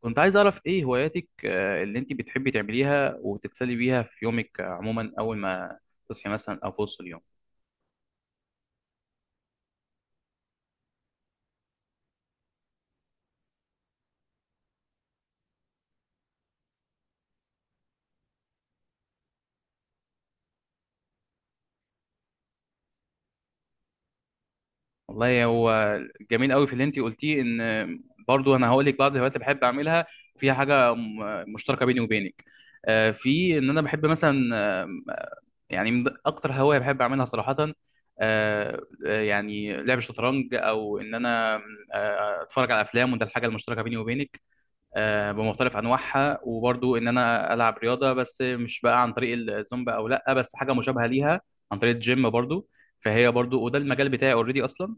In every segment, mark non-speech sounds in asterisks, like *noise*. كنت عايز أعرف إيه هواياتك اللي أنت بتحبي تعمليها وتتسلي بيها في يومك عموما أول ما تصحي مثلا أو في وسط اليوم. والله هو جميل قوي في اللي أنت قلتيه إن برضو أنا هقول لك بعض الهوايات اللي بحب أعملها فيها حاجة مشتركة بيني وبينك، في إن أنا بحب مثلا، يعني من أكتر هواية بحب أعملها صراحة آه، يعني لعب الشطرنج أو إن أنا أتفرج على أفلام، وده الحاجة المشتركة بيني وبينك، بمختلف انواعها. وبرضو ان انا العب رياضه، بس مش بقى عن طريق الزومبا او لا، بس حاجه مشابهه ليها عن طريق الجيم برضو، فهي برضو وده المجال بتاعي اوريدي اصلا.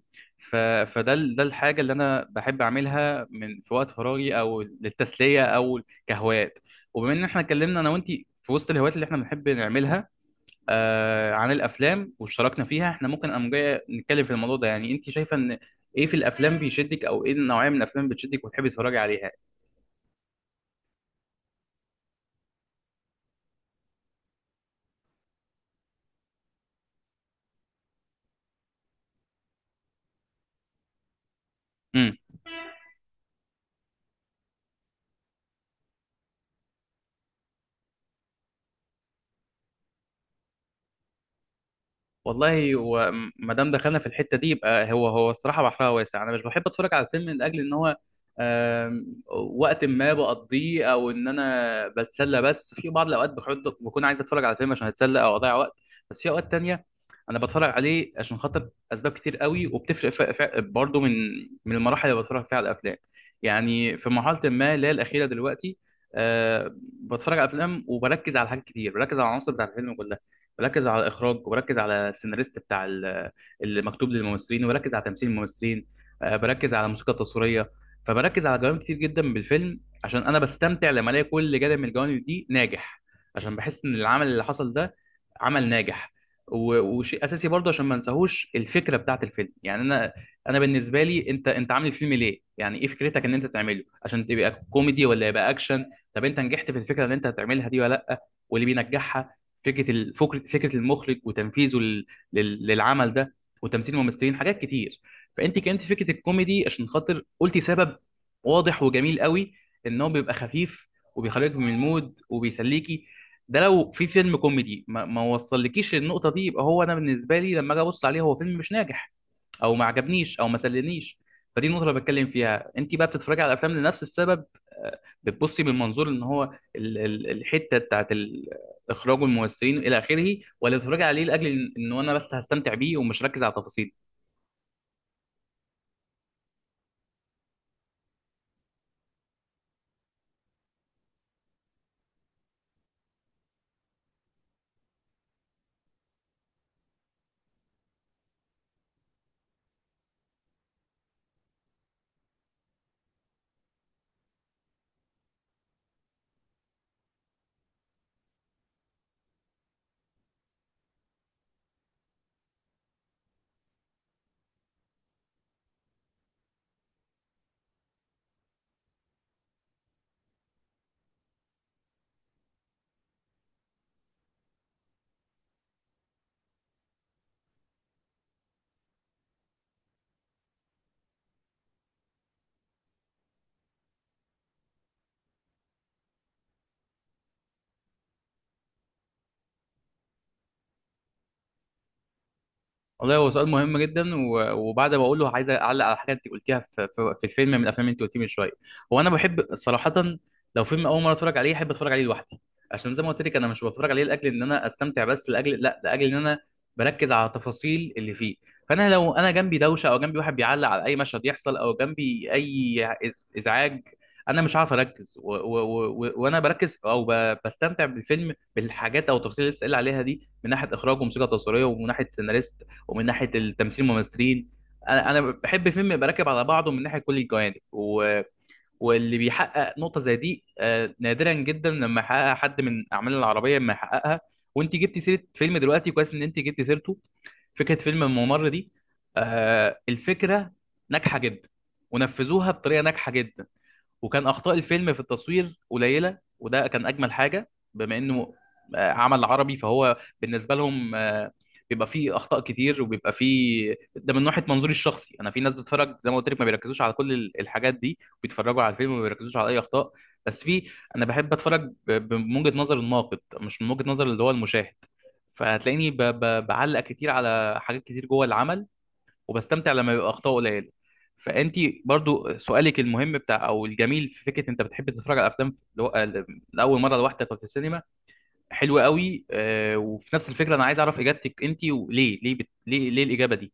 ف... فده ده الحاجه اللي انا بحب اعملها من في وقت فراغي او للتسليه او كهوايات. وبما ان احنا اتكلمنا انا وانت في وسط الهوايات اللي احنا بنحب نعملها آه، عن الافلام واشتركنا فيها، احنا ممكن قام جاي نتكلم في الموضوع ده. يعني انت شايفه ان ايه في الافلام بيشدك، او ايه النوعيه من الافلام بتشدك وتحبي تتفرجي عليها؟ والله، هو ما دام دخلنا في الحته دي، يبقى هو الصراحه بحرها واسع. انا مش بحب اتفرج على الفيلم لاجل ان هو، آم، وقت ما بقضيه او ان انا بتسلى، بس في بعض الاوقات بكون عايز اتفرج على فيلم عشان اتسلى او اضيع وقت. بس في اوقات تانية انا بتفرج عليه عشان خاطر اسباب كتير قوي وبتفرق، برضو من المراحل اللي بتفرج فيها على الافلام. يعني في مرحله ما اللي هي الاخيره دلوقتي، بتفرج على افلام وبركز على حاجات كتير، بركز على العناصر بتاعت الفيلم كلها، بركز على الاخراج وبركز على السيناريست بتاع اللي مكتوب للممثلين، وبركز على تمثيل الممثلين، بركز على الموسيقى التصويريه. فبركز على جوانب كتير جدا بالفيلم، عشان انا بستمتع لما الاقي كل جانب من الجوانب دي ناجح، عشان بحس ان العمل اللي حصل ده عمل ناجح. وشيء اساسي برضه، عشان ما انساهوش الفكره بتاعت الفيلم. يعني انا بالنسبه لي، انت عامل الفيلم ليه؟ يعني ايه فكرتك ان انت تعمله، عشان تبقى كوميدي ولا يبقى اكشن؟ طب انت نجحت في الفكره اللي انت هتعملها دي ولا لا؟ واللي بينجحها فكره الفكره فكره فكره المخرج وتنفيذه للعمل ده، وتمثيل الممثلين، حاجات كتير. فانت كانت فكره الكوميدي، عشان خاطر قلتي سبب واضح وجميل قوي، ان هو بيبقى خفيف وبيخرجك من المود وبيسليكي. ده لو في فيلم كوميدي ما وصلكيش النقطه دي، يبقى هو انا بالنسبه لي لما اجي ابص عليه هو فيلم مش ناجح، او ما عجبنيش او ما سلنيش. فدي النقطه اللي بتكلم فيها. انت بقى بتتفرجي على الافلام لنفس السبب؟ بتبصي من منظور ان هو الحته بتاعت اخراج الممثلين الى اخره، ولا بتتفرجي عليه لاجل ان انا بس هستمتع بيه ومش ركز على التفاصيل؟ والله، هو سؤال مهم جدا. وبعد ما اقوله عايز اعلق على حاجه انت قلتيها في في الفيلم من الافلام اللي انت قلتيه من شويه. هو انا بحب صراحه لو فيلم اول مره اتفرج عليه احب اتفرج عليه لوحدي، عشان زي ما قلت لك، انا مش بتفرج عليه لاجل ان انا استمتع بس، لاجل لا لاجل ان انا بركز على التفاصيل اللي فيه. فانا لو انا جنبي دوشه، او جنبي واحد بيعلق على اي مشهد يحصل، او جنبي اي ازعاج، انا مش عارف اركز. وانا بركز او بستمتع بالفيلم بالحاجات او التفاصيل اللي لسه قايل عليها دي، من ناحيه اخراج وموسيقى تصويريه، ومن ناحيه سيناريست، ومن ناحيه التمثيل الممثلين. انا بحب فيلم يبقى راكب على بعضه من ناحيه كل الجوانب، واللي بيحقق نقطه زي دي نادرا جدا لما يحققها حد. من اعمال العربيه لما يحققها، وانت جبتي سيره فيلم دلوقتي، كويس ان انت جبتي سيرته، فكره فيلم الممر دي، الفكره ناجحه جدا ونفذوها بطريقه ناجحه جدا. وكان اخطاء الفيلم في التصوير قليله، وده كان اجمل حاجه، بما انه عمل عربي، فهو بالنسبه لهم بيبقى فيه اخطاء كتير وبيبقى فيه ده، من ناحيه منظوري الشخصي انا. في ناس بتتفرج زي ما قلت لك ما بيركزوش على كل الحاجات دي، بيتفرجوا على الفيلم وما بيركزوش على اي اخطاء. بس في، انا بحب اتفرج من وجهه نظر الناقد، مش من وجهه نظر اللي هو المشاهد. فهتلاقيني بعلق كتير على حاجات كتير جوه العمل، وبستمتع لما بيبقى اخطاء قليله. فانت برضو سؤالك المهم بتاع او الجميل، في فكره انت بتحب تتفرج على افلام لاول مره لوحدك في السينما، حلو قوي، وفي نفس الفكره انا عايز اعرف اجابتك انت. وليه ليه بت... ليه ليه الاجابه دي؟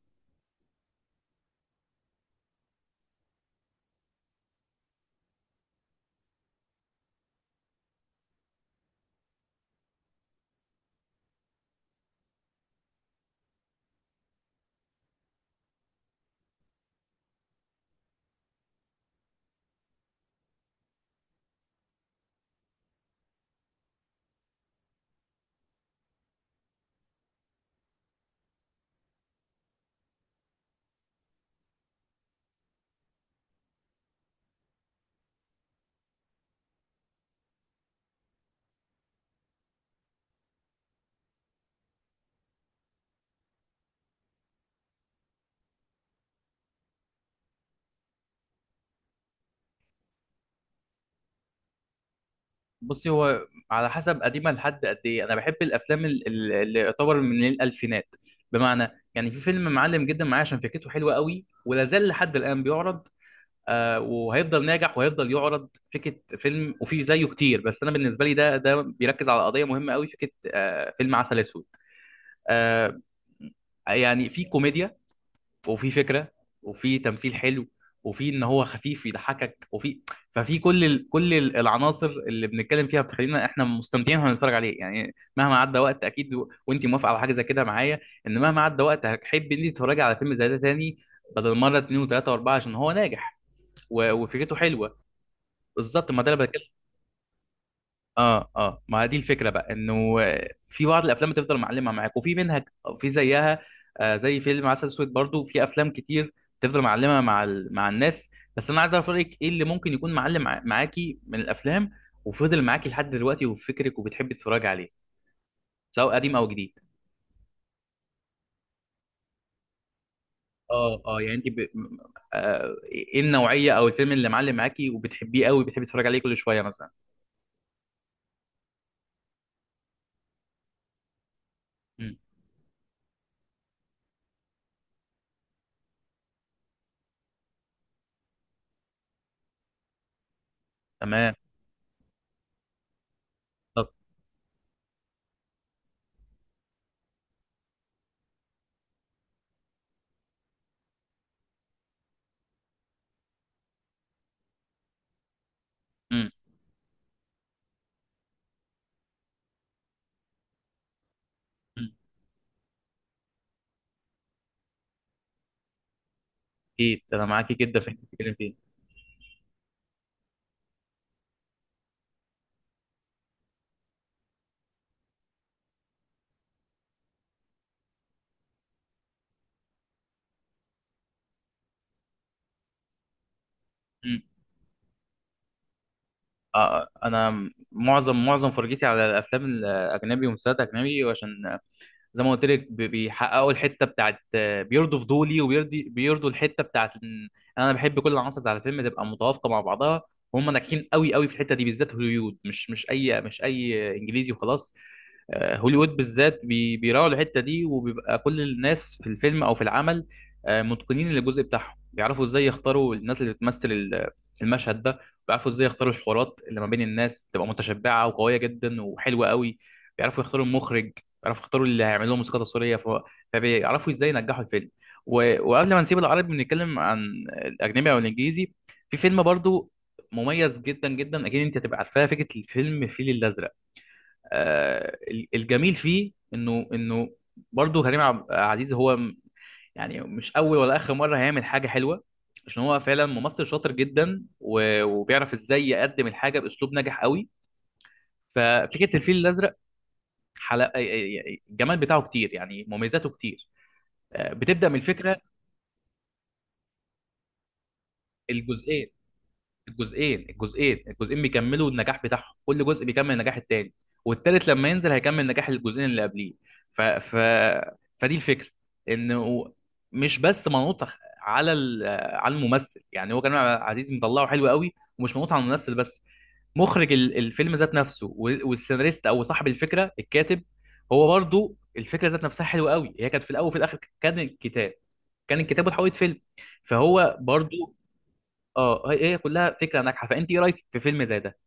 بصي، هو على حسب قديمه لحد قد ايه. انا بحب الافلام اللي يعتبر من الالفينات. بمعنى يعني في فيلم معلم جدا معايا، عشان فكرته حلوه قوي، ولا زال لحد الان بيعرض، وهيفضل ناجح وهيفضل يعرض. فكره فيلم، وفي زيه كتير، بس انا بالنسبه لي ده بيركز على قضيه مهمه قوي، فكره فيلم عسل اسود. آه، يعني في كوميديا، وفي فكره، وفي تمثيل حلو، وفي ان هو خفيف يضحكك، وفي، كل العناصر اللي بنتكلم فيها، بتخلينا احنا مستمتعين واحنا بنتفرج عليه. يعني مهما عدى وقت، اكيد وانت موافقه على حاجه زي كده معايا، ان مهما عدى وقت هتحبي ان انت تتفرجي على فيلم زي ده تاني، بدل مره اتنين وتلاته واربعه، عشان هو ناجح وفكرته حلوه. بالظبط، ما ده اللي بتكلم. اه اه، ما دي الفكره بقى، انه في بعض الافلام بتفضل معلمه معاك، وفي منها في زيها آه، زي فيلم عسل اسود. برضو في افلام كتير تفضل معلمه مع مع الناس. بس انا عايز اعرف رايك، ايه اللي ممكن يكون معلم معاكي من الافلام، وفضل معاكي لحد دلوقتي وفي فكرك، وبتحبي تتفرجي عليه، سواء قديم او جديد؟ اه اه، يعني انت ب... م- آه ايه النوعيه او الفيلم اللي معلم معاكي وبتحبيه قوي، بتحبي تتفرجي عليه كل شويه مثلا؟ مم. تمام. طب. مم. مم. اكيد انا معاكي جدا في اللي بتتكلم فيه. مم. آه، آه. انا معظم فرجتي على الافلام الاجنبي ومسلسلات اجنبي، عشان زي ما قلت لك بيحققوا الحته بتاعت، بيرضوا فضولي، بيرضوا الحته بتاعت إن انا بحب كل العناصر بتاع الفيلم تبقى متوافقه مع بعضها، وهم ناجحين قوي قوي في الحته دي. بالذات هوليوود، مش مش اي مش اي انجليزي وخلاص، هوليوود بالذات بيراعوا الحته دي، وبيبقى كل الناس في الفيلم او في العمل متقنين للجزء بتاعهم. بيعرفوا ازاي يختاروا الناس اللي بتمثل المشهد ده، بيعرفوا ازاي يختاروا الحوارات اللي ما بين الناس تبقى متشبعه وقويه جدا وحلوه قوي، بيعرفوا يختاروا المخرج، بيعرفوا يختاروا اللي هيعمل لهم موسيقى تصويريه. فبيعرفوا ازاي ينجحوا الفيلم. وقبل ما نسيب العربي بنتكلم عن الاجنبي او الانجليزي، في فيلم برضو مميز جدا جدا، اكيد انت هتبقى عارفاه، فكره الفيلم الفيل الازرق. آه، الجميل فيه انه برضه كريم عبد العزيز هو يعني مش اول ولا اخر مره هيعمل حاجه حلوه، عشان هو فعلا ممثل شاطر جدا. وبيعرف ازاي يقدم الحاجه باسلوب ناجح قوي. ففكره الفيل الازرق حلقه، الجمال بتاعه كتير، يعني مميزاته كتير، بتبدا من الفكره. الجزئيه، الجزئين بيكملوا النجاح بتاعهم، كل جزء بيكمل النجاح التاني، والتالت لما ينزل هيكمل نجاح الجزئين اللي قبليه. ف... ف... فدي الفكره، انه مش بس منوط على على الممثل. يعني هو كريم عبد العزيز مطلعه حلو قوي، ومش منوط على الممثل بس، مخرج الفيلم ذات نفسه، والسيناريست او صاحب الفكره الكاتب، هو برضو الفكره ذات نفسها حلوه قوي. هي كانت في الاول وفي الاخر كان الكتاب، وتحولت فيلم، فهو برضو. اه، هي كلها فكره ناجحه. فانت ايه رايك في فيلم زي ده؟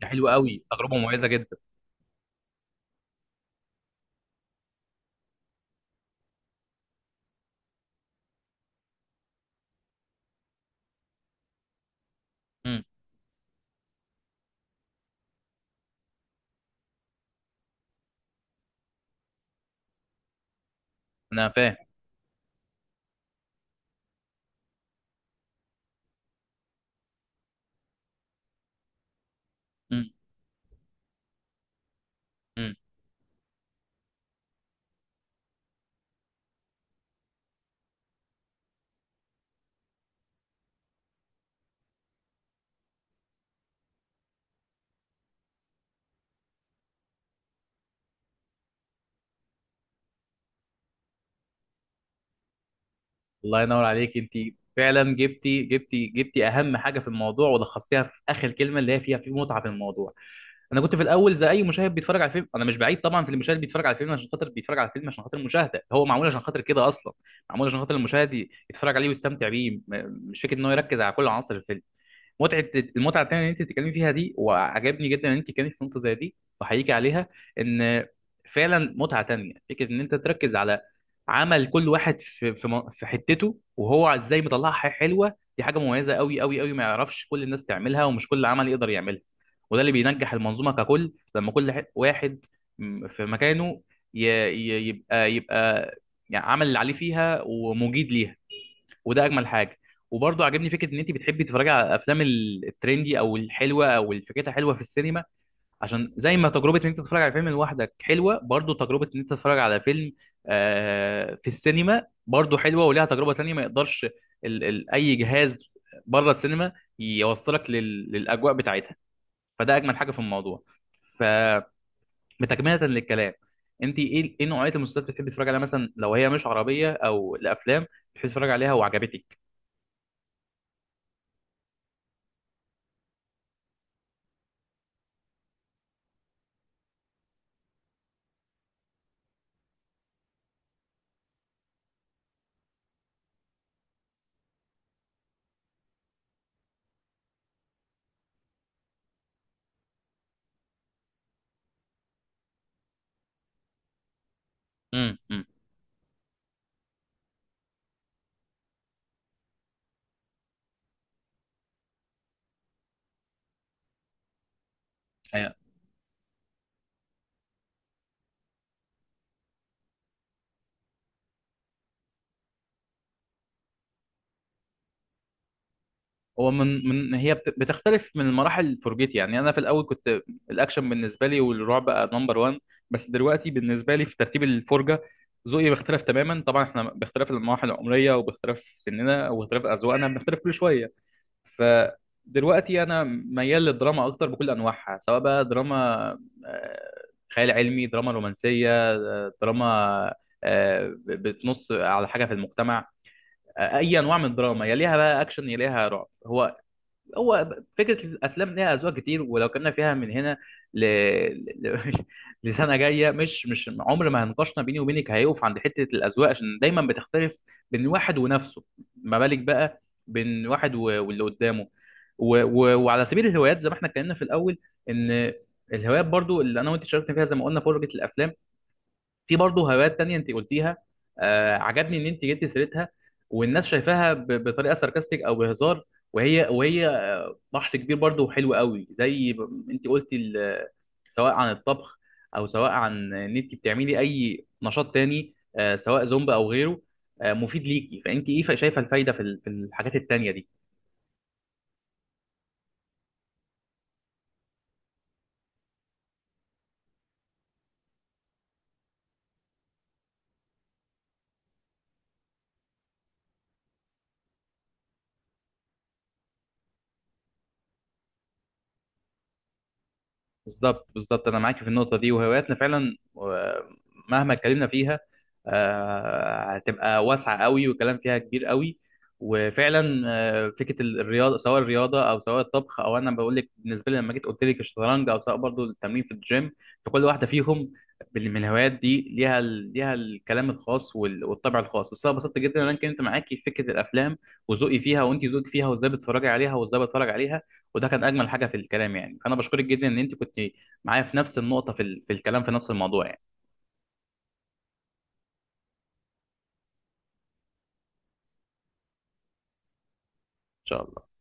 ده حلو قوي، تجربه مميزه جدا. امم. انا فاهم. امم. امم. الله ينور عليك انت. فعلا جبتي اهم حاجه في الموضوع، ولخصتيها في اخر كلمه اللي هي فيها، في متعه في الموضوع. انا كنت في الاول زي اي مشاهد بيتفرج على فيلم. انا مش بعيد طبعا في المشاهد بيتفرج على فيلم عشان خاطر، بيتفرج على فيلم عشان خاطر المشاهده، هو معمول عشان خاطر كده اصلا، معمول عشان خاطر المشاهد يتفرج عليه ويستمتع بيه، مش فكره ان هو يركز على كل عناصر الفيلم. متعه، المتعه التانيه اللي انت بتتكلمي فيها دي وعجبني جدا ان انت كانت في نقطه زي دي، وحقيقي عليها، ان فعلا متعه تانيه فكره ان انت تركز على عمل كل واحد في في حتته، وهو ازاي مطلعها حلوه. دي حاجه مميزه قوي قوي قوي، ما يعرفش كل الناس تعملها، ومش كل عمل يقدر يعملها. وده اللي بينجح المنظومه ككل، لما كل واحد في مكانه يبقى يعني عمل اللي عليه فيها ومجيد ليها. وده اجمل حاجه. وبرضه عاجبني فكره ان انت بتحبي تتفرجي على الافلام الترندي او الحلوه او اللي فكرتها حلوه في السينما، عشان زي ما تجربه ان انت تتفرج على فيلم لوحدك حلوه، برضه تجربه ان انت تتفرج على فيلم في السينما برضه حلوه، وليها تجربه تانية ما يقدرش ال ال اي جهاز بره السينما يوصلك للاجواء بتاعتها. فده اجمل حاجه في الموضوع. فبتكمله للكلام، انت ايه نوعيه المسلسلات اللي بتحبي تتفرجي عليها مثلا، لو هي مش عربيه، او الافلام بتحبي تتفرجي عليها وعجبتك؟ امم. أيوة. هو من هي بتختلف من المراحل فرجتي. يعني انا في الاول كنت الاكشن بالنسبه لي والرعب بقى نمبر 1، بس دلوقتي بالنسبه لي في ترتيب الفرجه ذوقي بيختلف تماما. طبعا احنا باختلاف المراحل العمريه وباختلاف سننا وباختلاف اذواقنا بنختلف كل شويه. فدلوقتي انا ميال للدراما اكتر بكل انواعها، سواء بقى دراما آه، خيال علمي، دراما رومانسيه، دراما بتنص على حاجه في المجتمع، اي انواع من الدراما، يليها بقى اكشن، يليها رعب. هو فكره الافلام ليها اذواق كتير، ولو كنا فيها من هنا ل... ل... *laughs* لسنه جايه، مش مش عمر ما هنقاشنا بيني وبينك هيقف عند حته الاذواق، عشان دايما بتختلف بين واحد ونفسه، ما بالك بقى بين واحد واللي قدامه. وعلى سبيل الهوايات زي ما احنا اتكلمنا في الاول، ان الهوايات برضو اللي انا وانت شاركنا فيها، زي ما قلنا فرجه الافلام، في برضو هوايات تانية انت قلتيها، آه، عجبني ان انت جبتي سيرتها والناس شايفاها بطريقه ساركاستيك او بهزار، وهي بحر كبير برضه وحلو قوي، زي انت قلتي سواء عن الطبخ، او سواء عن ان انت بتعملي اي نشاط تاني، سواء زومبا او غيره، مفيد ليكي. فانت ايه شايفه الفايده في في الحاجات التانيه دي؟ بالظبط، انا معاك في النقطه دي. وهواياتنا فعلا مهما اتكلمنا فيها هتبقى واسعه قوي، والكلام فيها كبير قوي. وفعلا فكره الرياضه، سواء الرياضه او سواء الطبخ، او انا بقول لك بالنسبه لي لما جيت قلت لك الشطرنج، او سواء برضو التمرين في الجيم، فكل واحده فيهم من الهوايات دي ليها ليها الكلام الخاص والطبع الخاص. بس انا اتبسطت جدا ان انا اتكلمت معاكي في فكره الافلام وذوقي فيها، وانت ذوقك فيها، وازاي بتتفرجي عليها وازاي بتفرج عليها. وده كان اجمل حاجه في الكلام يعني. فانا بشكرك جدا ان انت كنت معايا في نفس النقطه في في الكلام في نفس الموضوع يعني. ان شاء الله.